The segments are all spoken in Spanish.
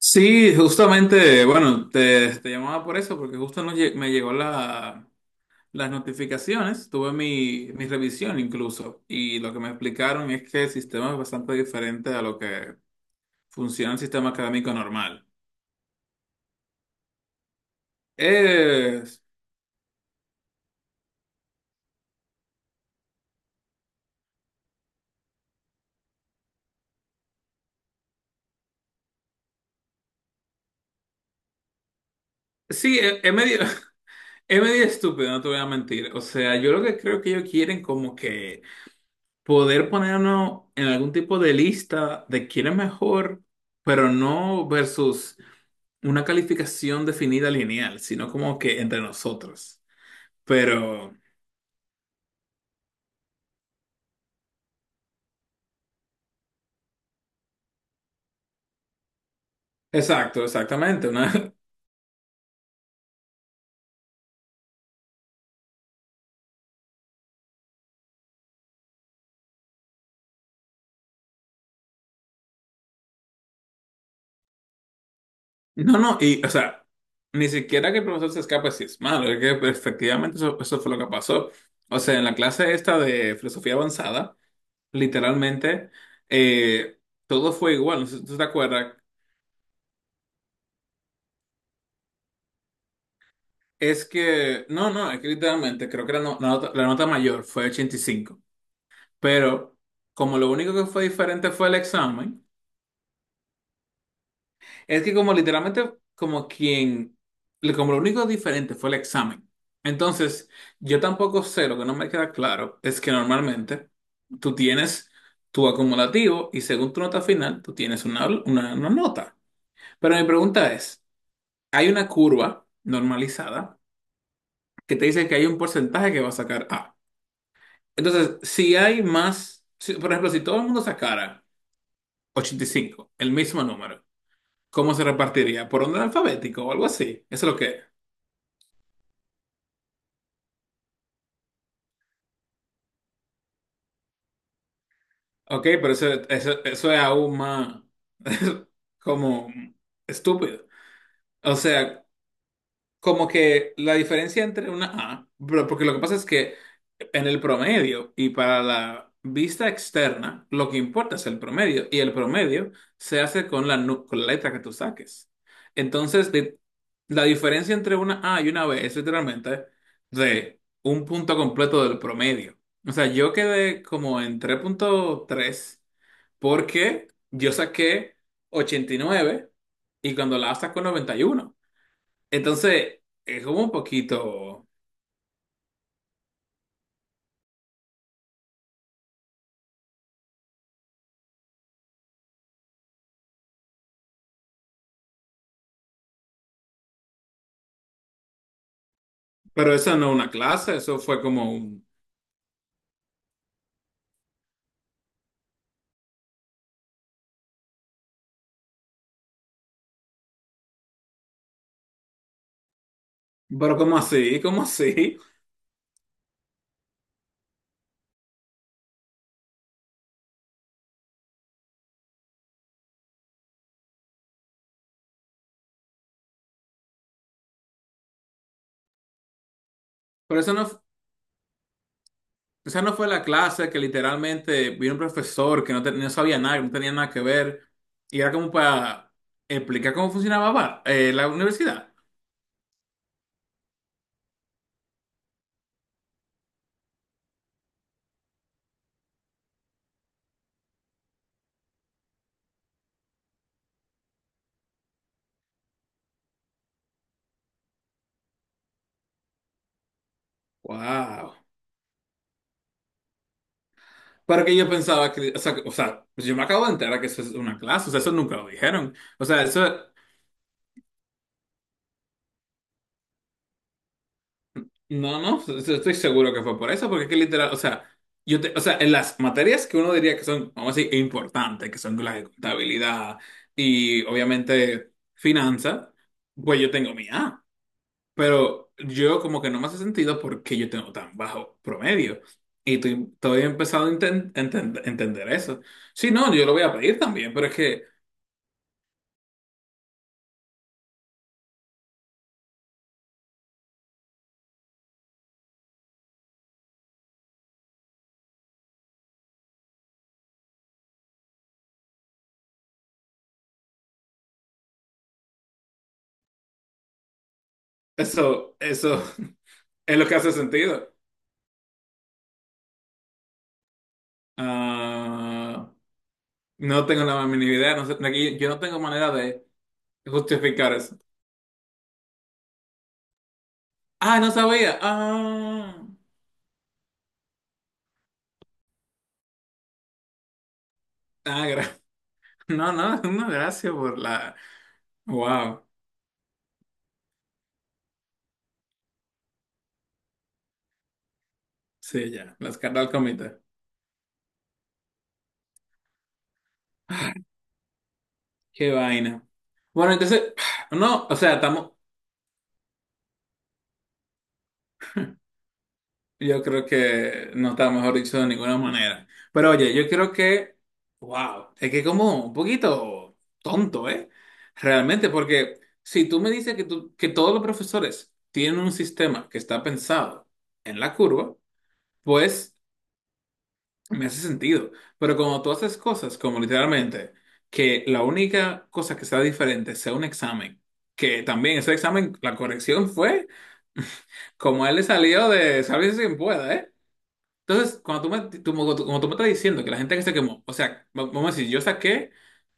Sí, justamente, bueno, te llamaba por eso, porque justo me llegó las notificaciones, tuve mi revisión incluso, y lo que me explicaron es que el sistema es bastante diferente a lo que funciona el sistema académico normal. Es, sí, es medio, es medio estúpido, no te voy a mentir. O sea, yo lo que creo que ellos quieren como que poder ponernos en algún tipo de lista de quién es mejor, pero no versus una calificación definida lineal, sino como que entre nosotros. Pero, exacto, exactamente. No, no, y, o sea, ni siquiera que el profesor se escape si es malo, es que pues, efectivamente eso fue lo que pasó. O sea, en la clase esta de filosofía avanzada, literalmente, eh, todo fue igual, no sé si tú te acuerdas. Es que, no, no, es que literalmente creo que la, no- la nota mayor fue 85, pero como lo único que fue diferente fue el examen. Es que como literalmente, como quien, como lo único diferente fue el examen. Entonces, yo tampoco sé, lo que no me queda claro es que normalmente tú tienes tu acumulativo y según tu nota final, tú tienes una nota. Pero mi pregunta es, hay una curva normalizada que te dice que hay un porcentaje que va a sacar A. Entonces, si hay más, por ejemplo, si todo el mundo sacara 85, el mismo número, ¿cómo se repartiría? ¿Por orden alfabético o algo así? Eso es lo que... Ok, pero eso es aún más como estúpido. O sea, como que la diferencia entre una A, porque lo que pasa es que en el promedio y para la vista externa, lo que importa es el promedio y el promedio se hace con con la letra que tú saques. Entonces, la diferencia entre una A y una B es literalmente de un punto completo del promedio. O sea, yo quedé como en 3,3 porque yo saqué 89 y cuando la A y uno. Entonces, es como un poquito, pero eso no es una clase, eso fue como un... Pero ¿cómo así? ¿Cómo así? Pero eso no, esa no fue la clase que literalmente vino un profesor que no sabía nada, que no tenía nada que ver, y era como para explicar cómo funcionaba la universidad. Wow. Pero que yo pensaba que, o sea, o sea, pues yo me acabo de enterar que eso es una clase, o sea, eso nunca lo dijeron. O sea, eso... No, no, estoy seguro que fue por eso, porque es que literal, o sea, o sea, en las materias que uno diría que son, vamos a decir, importantes, que son las de contabilidad y obviamente finanzas, pues yo tengo mi A, pero yo como que no me hace sentido porque yo tengo tan bajo promedio, y estoy, todavía he empezado a entender eso. Sí, no, yo lo voy a pedir también, pero es que eso es lo que hace sentido. Ah, no tengo la mínima idea, no sé, aquí yo no tengo manera de justificar eso. Ah, no sabía. Ah, ah, no, no, no, gracias por la. Wow, sí, ya, las cartas al comité. Ah, qué vaina. Bueno, entonces, no, o sea, estamos. Yo creo que no está mejor dicho de ninguna manera. Pero oye, yo creo que, wow, es que como un poquito tonto, ¿eh? Realmente, porque si tú me dices que, que todos los profesores tienen un sistema que está pensado en la curva, pues me hace sentido. Pero cuando tú haces cosas como literalmente que la única cosa que sea diferente sea un examen, que también ese examen, la corrección fue como a él le salió de, sabes si pueda, ¿eh? Entonces, cuando tú me, tú- como tú me estás diciendo que la gente que se quemó, o sea, vamos a decir, yo saqué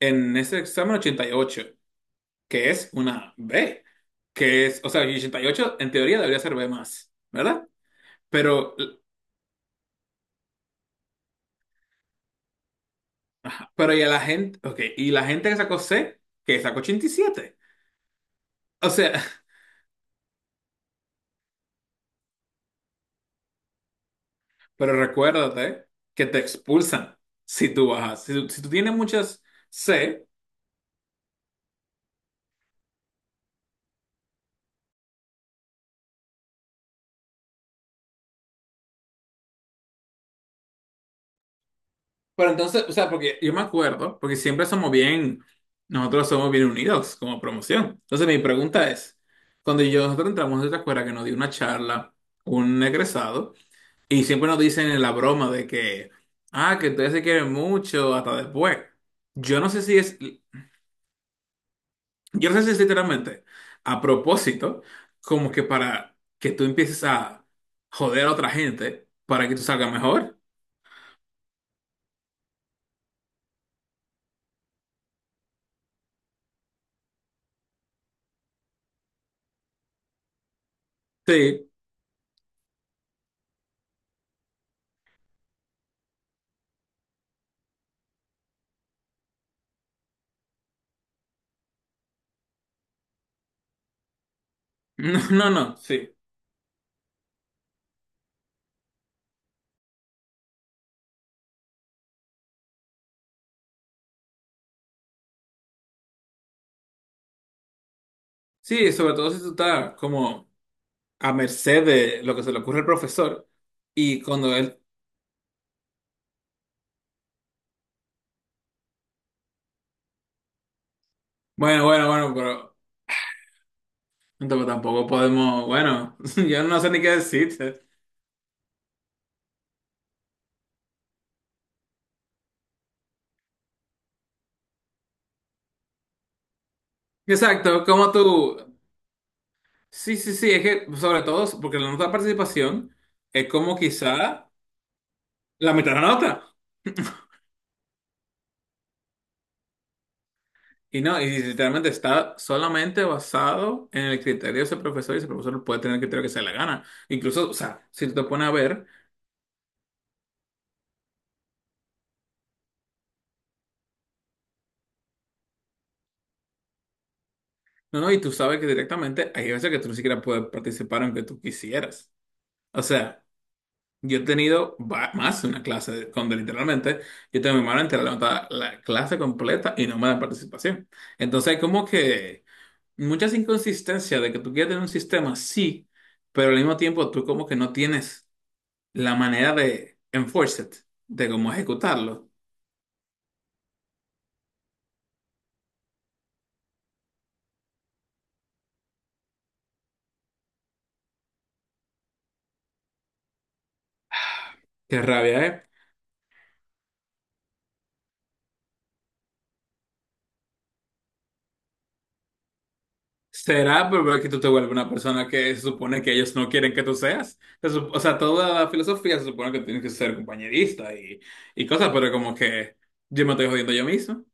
en ese examen 88, que es una B, que es, o sea, y 88 en teoría debería ser B más, ¿verdad? Pero, ajá, pero y a la gente, ok, y la gente que sacó C, que sacó 87. O sea, pero recuérdate que te expulsan si tú bajas, si tú tienes muchas C. Pero entonces, o sea, porque yo me acuerdo, porque siempre somos bien, nosotros somos bien unidos como promoción. Entonces mi pregunta es, nosotros entramos a esta escuela que nos dio una charla, un egresado, y siempre nos dicen en la broma de que, ah, que ustedes se quieren mucho hasta después. Yo no sé si es, yo no sé si es literalmente a propósito, como que para que tú empieces a joder a otra gente para que tú salgas mejor. Sí, no, no, no, sí. Sí, sobre todo si tú estás como a merced de lo que se le ocurre al profesor y cuando él, bueno, bueno, bueno, pero entonces tampoco podemos, bueno, yo no sé ni qué decirte. Exacto, como tú, sí, sí, sí, es que sobre todo porque la nota de participación es como quizá la mitad de la nota, y no, y literalmente está solamente basado en el criterio de ese profesor, y ese profesor puede tener el criterio que se le gana. Incluso, o sea, si tú te pones a ver... No, no, y tú sabes que directamente hay veces que tú ni siquiera puedes participar aunque tú quisieras. O sea, yo he tenido más de una donde literalmente yo tengo mi mano entera levantada la clase completa y no me dan participación. Entonces hay como que muchas inconsistencias de que tú quieres tener un sistema, sí, pero al mismo tiempo tú como que no tienes la manera de enforce it, de cómo ejecutarlo. Qué rabia, ¿eh? ¿Será pero que tú te vuelves una persona que se supone que ellos no quieren que tú seas? O sea, toda la filosofía se supone que tienes que ser compañerista y cosas, pero como que yo me estoy jodiendo yo mismo.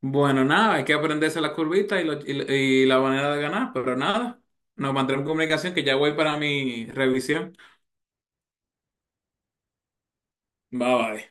Bueno, nada, hay que aprenderse la curvita y la manera de ganar, pero nada, nos mantendremos en comunicación que ya voy para mi revisión. Bye bye.